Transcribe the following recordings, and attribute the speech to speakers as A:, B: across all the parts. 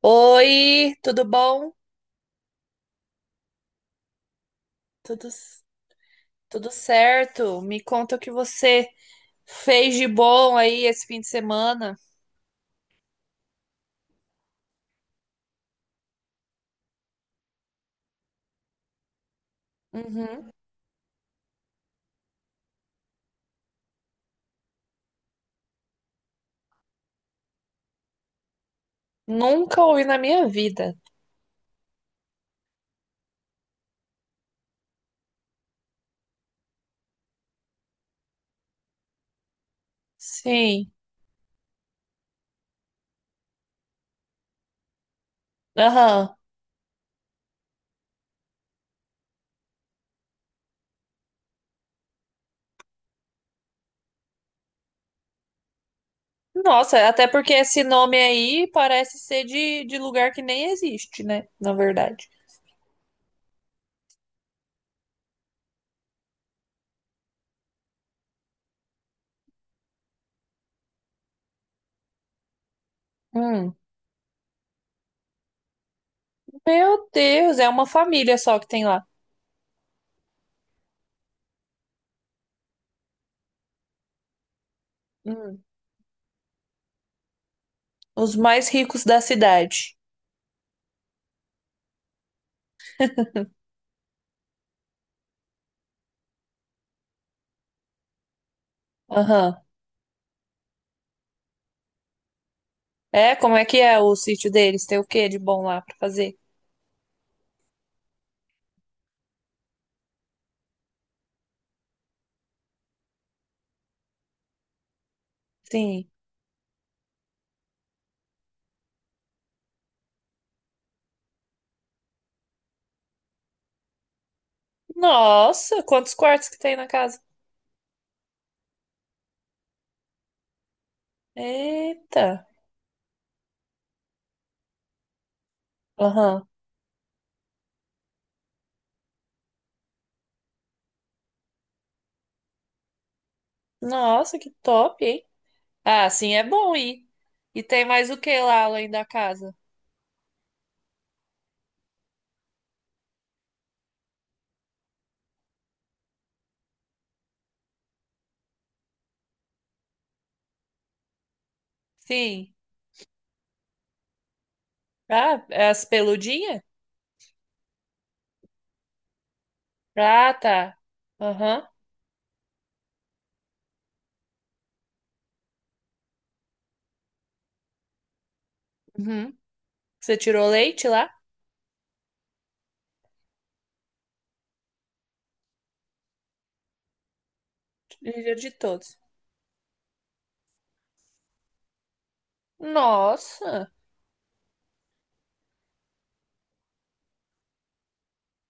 A: Oi, tudo bom? Tudo, tudo certo? Me conta o que você fez de bom aí esse fim de semana. Uhum. Nunca ouvi na minha vida. Sim. Aham. Nossa, até porque esse nome aí parece ser de lugar que nem existe, né? Na verdade. Hum. Meu Deus, é uma família só que tem lá. Hum. Os mais ricos da cidade. Aham. É, como é que é o sítio deles? Tem o que de bom lá pra fazer? Sim. Nossa, quantos quartos que tem na casa? Eita. Aham. Nossa, que top, hein? Ah, sim, é bom ir. E tem mais o que lá além da casa? Sim. Ah, é as peludinhas? Ah, tá. Aham. Uhum. Você tirou leite lá? Tirei. De todos. Nossa,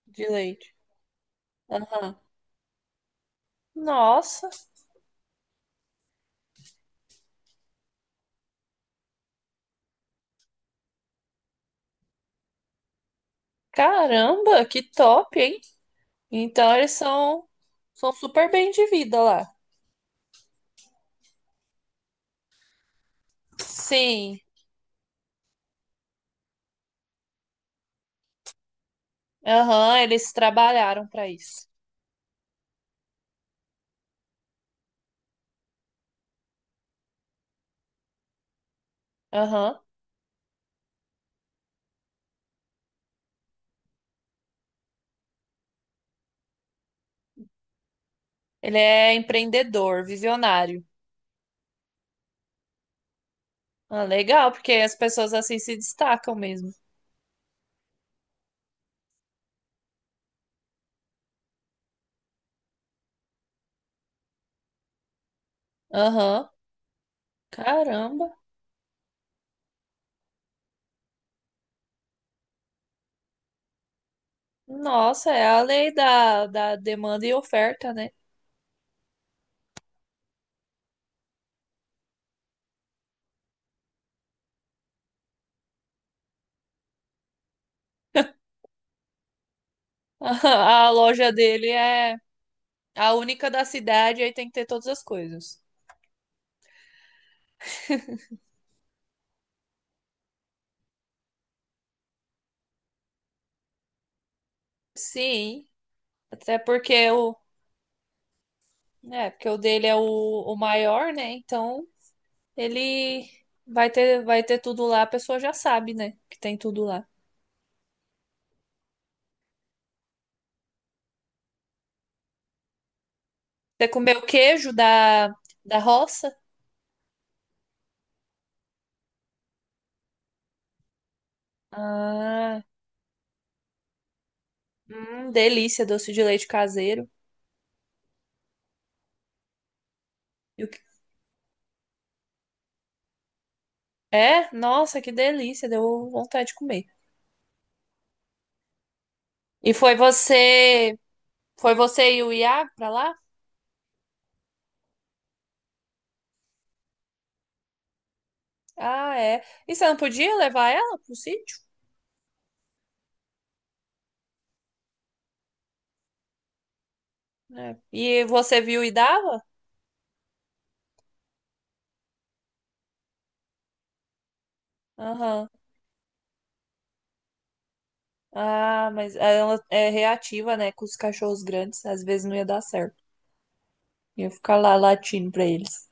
A: de leite. Aham. Nossa, caramba, que top, hein? Então eles são, são super bem de vida lá. Sim. Aham, eles trabalharam para isso. Aham. Ele é empreendedor, visionário. Ah, legal, porque as pessoas assim se destacam mesmo. Aham. Caramba. Nossa, é a lei da demanda e oferta, né? A loja dele é a única da cidade, aí tem que ter todas as coisas. Sim, até porque o, né? Porque o dele é o maior, né? Então ele vai ter tudo lá, a pessoa já sabe, né? Que tem tudo lá. Você comeu queijo da roça? Ah, delícia, doce de leite caseiro. E o que- É? Nossa, que delícia, deu vontade de comer. E foi você e o Iago pra lá? Ah, é. E você não podia levar ela pro sítio? É. E você viu e dava? Aham. Ah, mas ela é reativa, né? Com os cachorros grandes, às vezes não ia dar certo. Ia ficar lá latindo pra eles.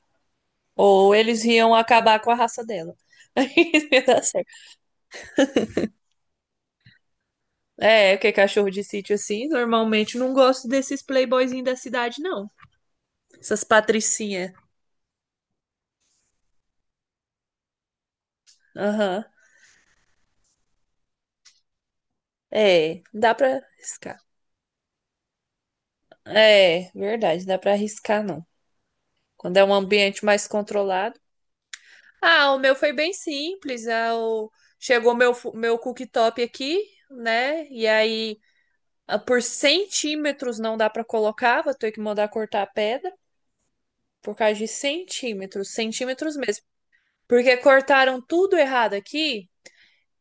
A: Ou eles iam acabar com a raça dela. Aí não ia dar certo. É, porque cachorro de sítio assim, normalmente não gosto desses playboyzinhos da cidade, não. Essas patricinhas. Aham. É, não dá pra arriscar. É, verdade, não dá pra arriscar, não. Quando é um ambiente mais controlado. Ah, o meu foi bem simples. Chegou meu, meu cooktop aqui, né? E aí, ah, por centímetros não dá pra colocar, vou ter que mandar cortar a pedra. Por causa de centímetros, centímetros mesmo. Porque cortaram tudo errado aqui.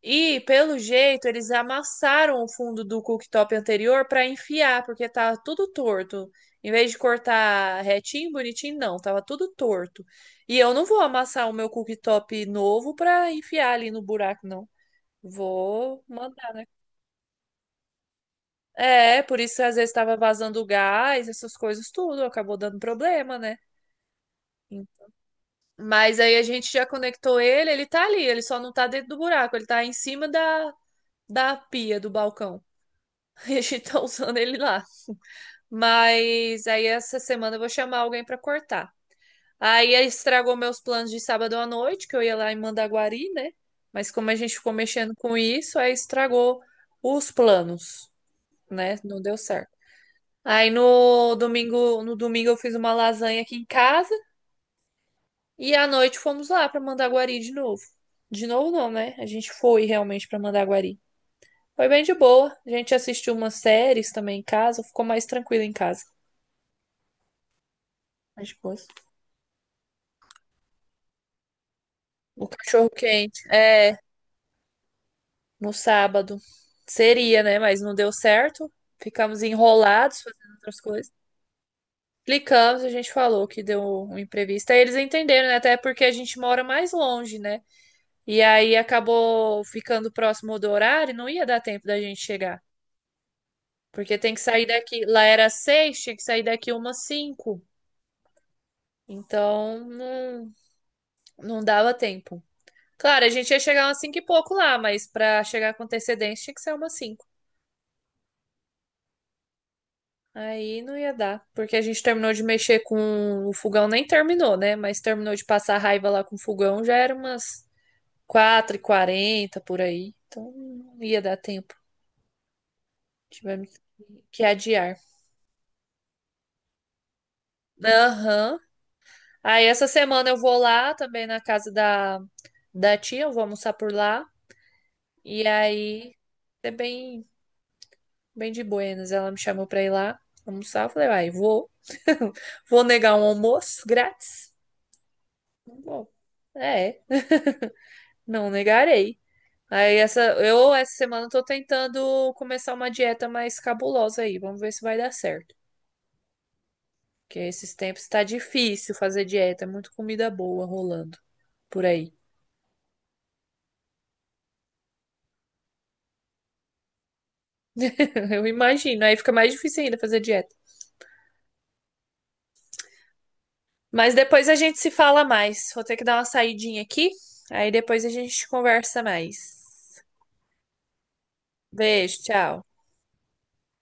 A: E, pelo jeito, eles amassaram o fundo do cooktop anterior para enfiar, porque tava tudo torto. Em vez de cortar retinho, bonitinho, não, tava tudo torto. E eu não vou amassar o meu cooktop novo para enfiar ali no buraco, não. Vou mandar, né? É, por isso às vezes estava vazando gás, essas coisas tudo, acabou dando problema, né? Mas aí a gente já conectou ele, ele tá ali, ele só não tá dentro do buraco, ele tá em cima da pia do balcão. A gente tá usando ele lá. Mas aí essa semana eu vou chamar alguém pra cortar. Aí estragou meus planos de sábado à noite, que eu ia lá em Mandaguari, né? Mas como a gente ficou mexendo com isso, aí estragou os planos, né? Não deu certo. Aí no domingo, no domingo eu fiz uma lasanha aqui em casa e à noite fomos lá pra Mandaguari de novo. De novo não, né? A gente foi realmente pra Mandaguari. Foi bem de boa. A gente assistiu umas séries também em casa, ficou mais tranquilo em casa. As duas. O cachorro quente. É, no sábado. Seria, né? Mas não deu certo. Ficamos enrolados fazendo outras coisas. Clicamos, a gente falou que deu um imprevisto. Aí eles entenderam, né? Até porque a gente mora mais longe, né? E aí acabou ficando próximo do horário, não ia dar tempo da gente chegar. Porque tem que sair daqui. Lá era 6, tinha que sair daqui umas 5. Então não, não dava tempo. Claro, a gente ia chegar umas 5 e pouco lá, mas pra chegar com antecedência tinha que ser umas 5. Aí não ia dar, porque a gente terminou de mexer com o fogão, nem terminou, né? Mas terminou de passar raiva lá com o fogão, já era umas 4 e 40 por aí. Então não ia dar tempo. Tivemos que adiar. Aham. Aí essa semana eu vou lá também na casa da tia, eu vou almoçar por lá. E aí é bem, bem de buenas. Ela me chamou pra ir lá almoçar. Eu falei, vai, vou. Vou negar um almoço grátis? Não vou. É. Não negarei. Eu essa semana tô tentando começar uma dieta mais cabulosa aí. Vamos ver se vai dar certo. Porque esses tempos tá difícil fazer dieta, é muito comida boa rolando por aí. Eu imagino. Aí fica mais difícil ainda fazer dieta. Mas depois a gente se fala mais. Vou ter que dar uma saidinha aqui. Aí depois a gente conversa mais. Beijo, tchau.